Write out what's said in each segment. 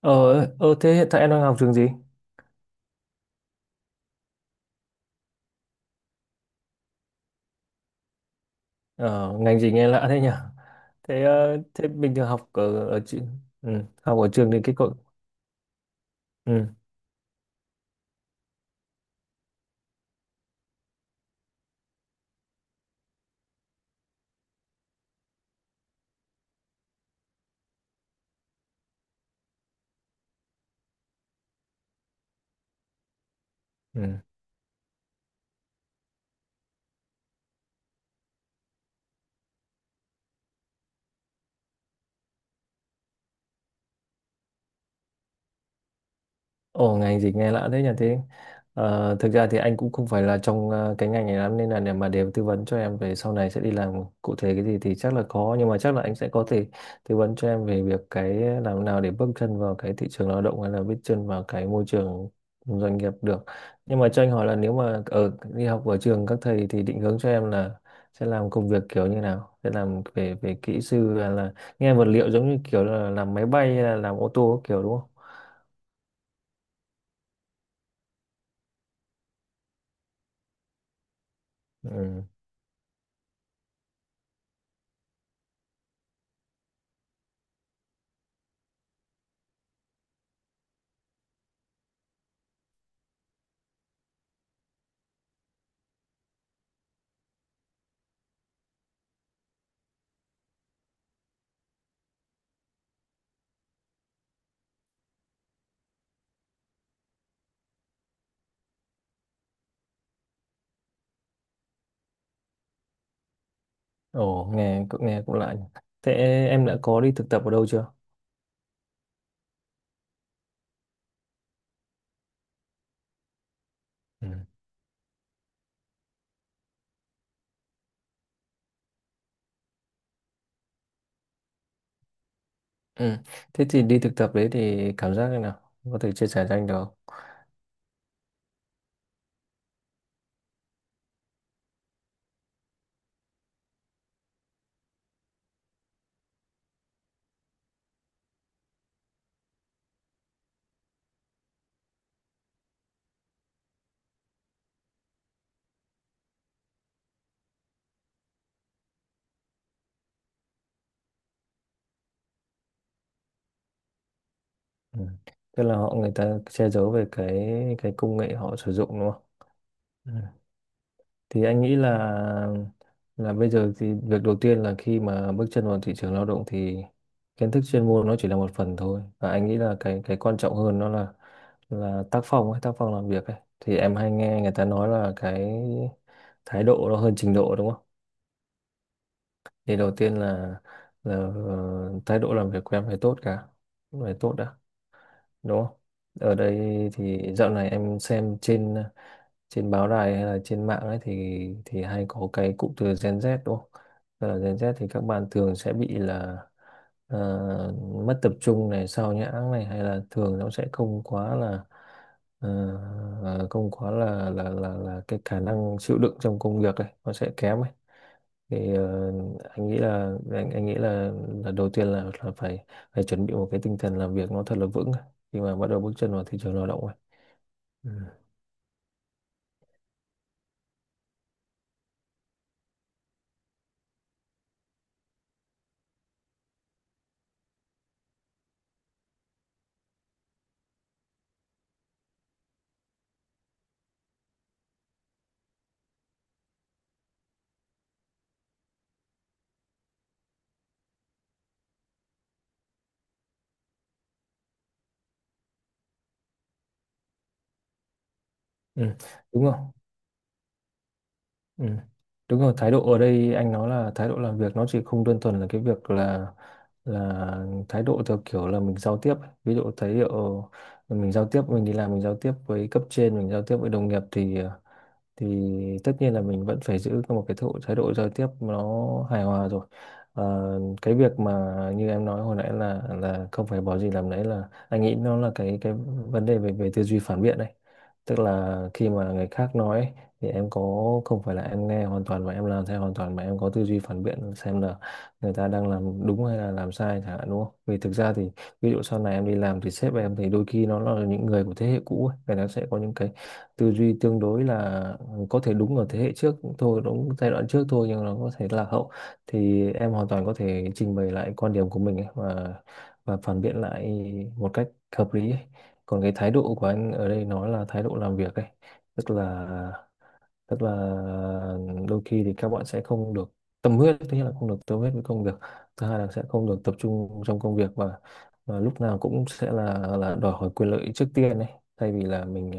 Ờ, Thế hiện tại em đang học trường gì? Ờ, Ngành gì nghe lạ thế nhỉ? Thế bình thường học ở, ở chi- ừ, học ở trường thì cái cậu. Ừ, ừ. Ồ, ngành gì nghe lạ thế nhỉ. Thế thực ra thì anh cũng không phải là trong cái ngành này lắm, nên là để tư vấn cho em về sau này sẽ đi làm cụ thể cái gì thì chắc là khó, nhưng mà chắc là anh sẽ có thể tư vấn cho em về việc cái làm nào để bước chân vào cái thị trường lao động hay là bước chân vào cái môi trường doanh nghiệp được. Nhưng mà cho anh hỏi là nếu mà ở đi học ở trường các thầy thì định hướng cho em là sẽ làm công việc kiểu như nào, sẽ làm về về kỹ sư hay là nghe vật liệu, giống như kiểu là làm máy bay hay là làm ô tô kiểu, đúng không? Ừ. Ồ, nghe cũng lạ nhỉ. Thế em đã có đi thực tập ở đâu chưa? Ừ. Ừ. Thế thì đi thực tập đấy thì cảm giác thế nào? Có thể chia sẻ cho anh được không? Ừ. Tức là họ, người ta che giấu về cái công nghệ họ sử dụng đúng không? Ừ. Thì anh nghĩ là bây giờ thì việc đầu tiên là khi mà bước chân vào thị trường lao động thì kiến thức chuyên môn nó chỉ là một phần thôi, và anh nghĩ là cái quan trọng hơn nó là tác phong ấy, tác phong làm việc ấy. Thì em hay nghe người ta nói là cái thái độ nó hơn trình độ, đúng không? Thì đầu tiên là thái độ làm việc của em phải tốt, cả phải tốt đã, đúng không? Ở đây thì dạo này em xem trên trên báo đài hay là trên mạng ấy, thì hay có cái cụm từ Gen Z đúng không? Tức là Gen Z thì các bạn thường sẽ bị là ờ, mất tập trung này, sao nhãng này, hay là thường nó sẽ không quá là ờ, không quá là cái khả năng chịu đựng trong công việc ấy nó sẽ kém ấy. Thì ờ, anh nghĩ là là đầu tiên là phải, chuẩn bị một cái tinh thần làm việc nó thật là vững khi mà bắt đầu bước chân vào thị trường lao động ấy. Ừ. Ừ. Đúng không? Ừ. Đúng rồi, thái độ ở đây anh nói là thái độ làm việc, nó chỉ không đơn thuần là cái việc là thái độ theo kiểu là mình giao tiếp ấy. Ví dụ thái độ mình giao tiếp, mình đi làm mình giao tiếp với cấp trên, mình giao tiếp với đồng nghiệp thì thì tất nhiên là mình vẫn phải giữ một cái thái độ giao tiếp nó hài hòa rồi. Cái việc mà như em nói hồi nãy là không phải bỏ gì làm nấy, là anh nghĩ nó là cái vấn đề về về tư duy phản biện đấy. Tức là khi mà người khác nói ấy, thì em có, không phải là em nghe hoàn toàn và em làm theo hoàn toàn, mà em có tư duy phản biện xem là người ta đang làm đúng hay là làm sai chẳng hạn, đúng không? Vì thực ra thì, ví dụ sau này em đi làm thì sếp em thì đôi khi nó là những người của thế hệ cũ ấy. Người ta sẽ có những cái tư duy tương đối là có thể đúng ở thế hệ trước thôi, đúng giai đoạn trước thôi, nhưng nó có thể lạc hậu. Thì em hoàn toàn có thể trình bày lại quan điểm của mình ấy, và phản biện lại một cách hợp lý ấy. Còn cái thái độ của anh ở đây nó là thái độ làm việc ấy. Tức là tức là đôi khi thì các bạn sẽ không được tâm huyết, thứ nhất là không được tâm huyết với công việc, thứ hai là sẽ không được tập trung trong công việc, và lúc nào cũng sẽ là đòi hỏi quyền lợi trước tiên ấy, thay vì là mình.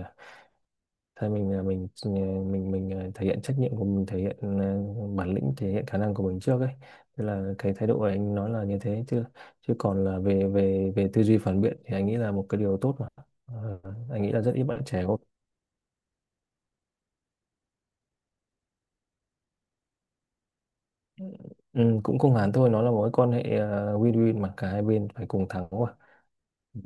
Thế mình thể hiện trách nhiệm của mình, thể hiện bản lĩnh, thể hiện khả năng của mình trước ấy. Thế là cái thái độ của anh nói là như thế, chứ chứ còn là về về về tư duy phản biện thì anh nghĩ là một cái điều tốt mà. Ờ, anh nghĩ là rất ít bạn trẻ có. Ừ, cũng không hẳn thôi, nó là mối quan hệ win-win, mà cả hai bên phải cùng thắng mà. Ừ.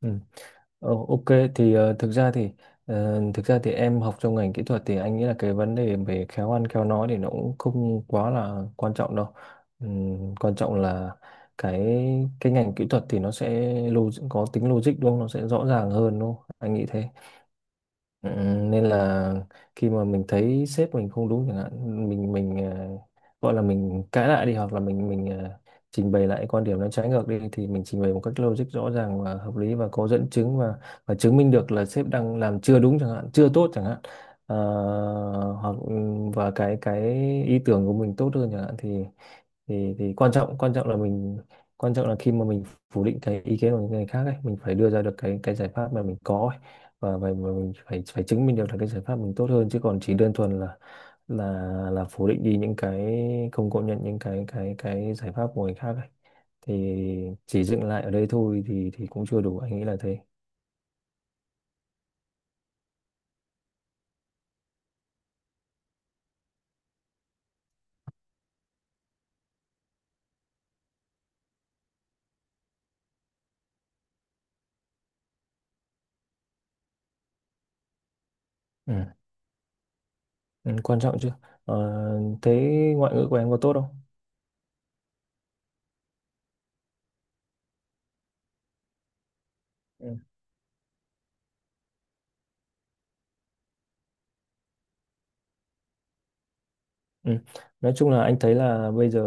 Ừ. Ok, thì thực ra thì em học trong ngành kỹ thuật thì anh nghĩ là cái vấn đề về khéo ăn khéo nói thì nó cũng không quá là quan trọng đâu. Quan trọng là cái cái ngành kỹ thuật thì nó sẽ có tính logic đúng không? Nó sẽ rõ ràng hơn đúng không? Anh nghĩ thế. Ừ, nên là khi mà mình thấy sếp mình không đúng chẳng hạn, gọi là mình cãi lại đi, hoặc là trình bày lại quan điểm nó trái ngược đi, thì mình trình bày một cách logic, rõ ràng và hợp lý và có dẫn chứng, và chứng minh được là sếp đang làm chưa đúng chẳng hạn, chưa tốt chẳng hạn. Ờ, hoặc ừ, và cái ý tưởng của mình tốt hơn chẳng hạn, thì quan trọng, quan trọng là mình quan trọng là khi mà mình phủ định cái ý kiến của những người khác ấy, mình phải đưa ra được cái giải pháp mà mình có ấy. Và mình phải phải chứng minh được là cái giải pháp mình tốt hơn, chứ còn chỉ đơn thuần là là phủ định đi những cái, không công nhận những cái giải pháp của người khác ấy, thì chỉ dừng lại ở đây thôi thì cũng chưa đủ, anh nghĩ là thế. Ừ. Ừ, quan trọng chứ. ờ, Thế ngoại ngữ của em có tốt không? Ừ. Nói chung là anh thấy là bây giờ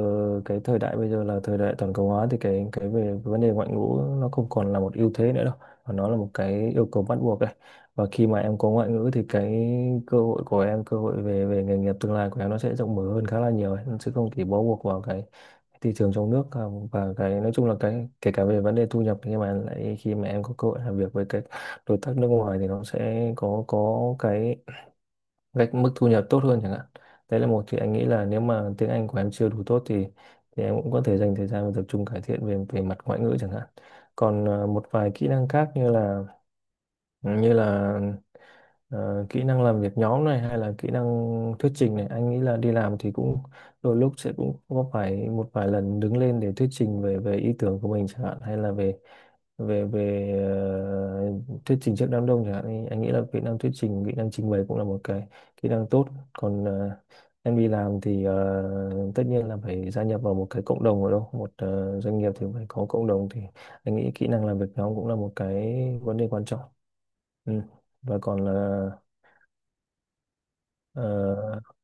cái thời đại bây giờ là thời đại toàn cầu hóa, thì cái về vấn đề ngoại ngữ nó không còn là một ưu thế nữa đâu, mà nó là một cái yêu cầu bắt buộc đấy. Và khi mà em có ngoại ngữ thì cái cơ hội của em, cơ hội về về nghề nghiệp tương lai của em nó sẽ rộng mở hơn khá là nhiều ấy. Nó sẽ không chỉ bó buộc vào cái thị trường trong nước và cái nói chung là cái kể cả về vấn đề thu nhập. Nhưng mà lại khi mà em có cơ hội làm việc với các đối tác nước ngoài thì nó sẽ có cái gạch mức thu nhập tốt hơn chẳng hạn. Đấy là một. Thì anh nghĩ là nếu mà tiếng Anh của em chưa đủ tốt thì em cũng có thể dành thời gian và tập trung cải thiện về về mặt ngoại ngữ chẳng hạn. Còn một vài kỹ năng khác như là như là kỹ năng làm việc nhóm này hay là kỹ năng thuyết trình này, anh nghĩ là đi làm thì cũng đôi lúc sẽ cũng có phải một vài lần đứng lên để thuyết trình về về ý tưởng của mình chẳng hạn, hay là về về về ờ, thuyết trình trước đám đông chẳng hạn, thì anh nghĩ là kỹ năng thuyết trình, kỹ năng trình bày cũng là một cái kỹ năng tốt. Còn em đi làm thì tất nhiên là phải gia nhập vào một cái cộng đồng, ở đâu một doanh nghiệp thì phải có cộng đồng, thì anh nghĩ kỹ năng làm việc nhóm cũng là một cái vấn đề quan trọng. Ừ. Và còn là ờ,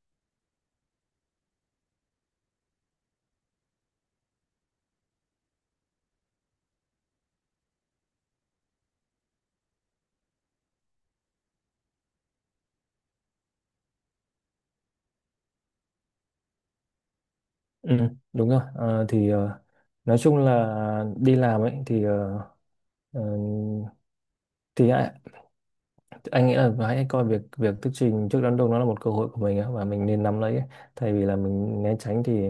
ừ, đúng rồi. Nói chung là đi làm ấy thì ờ, thì ai- anh nghĩ là hãy coi việc việc thuyết trình trước đám đông nó là một cơ hội của mình á, và mình nên nắm lấy ấy. Thay vì là mình né tránh thì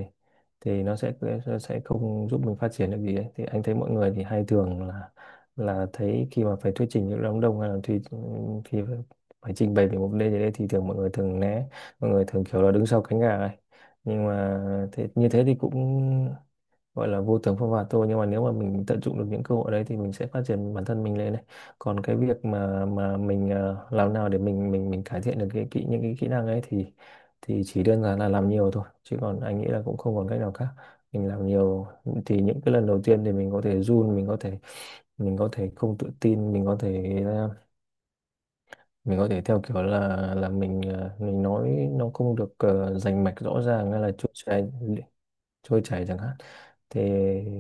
thì nó sẽ nó sẽ không giúp mình phát triển được gì ấy. Thì anh thấy mọi người thì hay thường là thấy khi mà phải thuyết trình trước đám đông, hay là thì khi phải phải trình bày về một vấn đề gì đấy thì thường mọi người thường kiểu là đứng sau cánh gà ấy. Nhưng mà như thế thì cũng gọi là vô tướng phong phạt thôi. Nhưng mà nếu mà mình tận dụng được những cơ hội đấy thì mình sẽ phát triển bản thân mình lên này. Còn cái việc mà làm nào để mình cải thiện được cái kỹ những cái kỹ năng ấy thì chỉ đơn giản là làm nhiều thôi, chứ còn anh nghĩ là cũng không còn cách nào khác. Mình làm nhiều thì những cái lần đầu tiên thì mình có thể run, mình có thể không tự tin, mình có thể theo kiểu là mình nói nó không được, rành mạch rõ ràng hay là trôi chảy chẳng hạn. Thì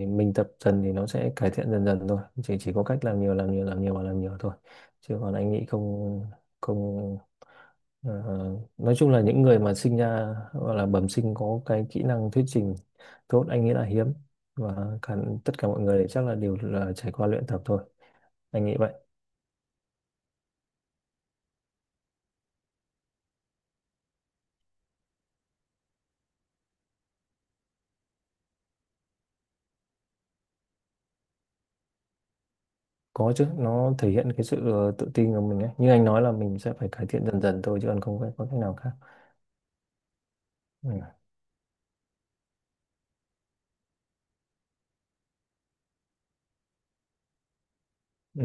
mình tập dần thì nó sẽ cải thiện dần dần thôi, chỉ có cách làm nhiều, làm nhiều, làm nhiều và làm nhiều thôi. Chứ còn anh nghĩ không, không, ờ, nói chung là những người mà sinh ra gọi là bẩm sinh có cái kỹ năng thuyết trình tốt, anh nghĩ là hiếm. Và cả tất cả mọi người chắc là đều là trải qua luyện tập thôi, anh nghĩ vậy. Có chứ, nó thể hiện cái sự tự tin của mình ấy. Như anh nói là mình sẽ phải cải thiện dần dần thôi, chứ còn không phải có cách nào khác. Ừ. Ừ.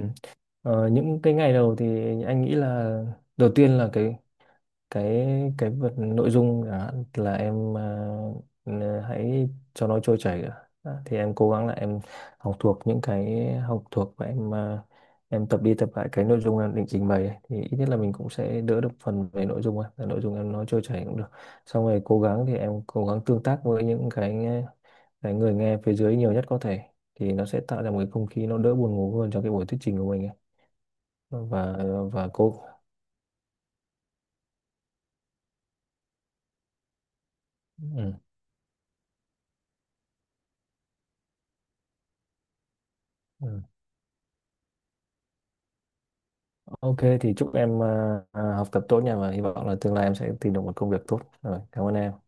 Những cái ngày đầu thì anh nghĩ là đầu tiên là cái cái vật nội dung chẳng hạn, là em hãy cho nó trôi chảy đã. Đã, thì em cố gắng là em học thuộc, và em tập đi tập lại cái nội dung em định trình bày ấy. Thì ít nhất là mình cũng sẽ đỡ được phần về nội dung ấy. Là nội dung em nói trôi chảy cũng được. Xong rồi cố gắng tương tác với những cái người nghe phía dưới nhiều nhất có thể, thì nó sẽ tạo ra một cái không khí nó đỡ buồn ngủ hơn cho cái buổi thuyết trình của mình ấy. Và và cô. Ừ. Ừ. Ok thì chúc em học tập tốt nha, và hy vọng là tương lai em sẽ tìm được một công việc tốt, rồi cảm ơn em.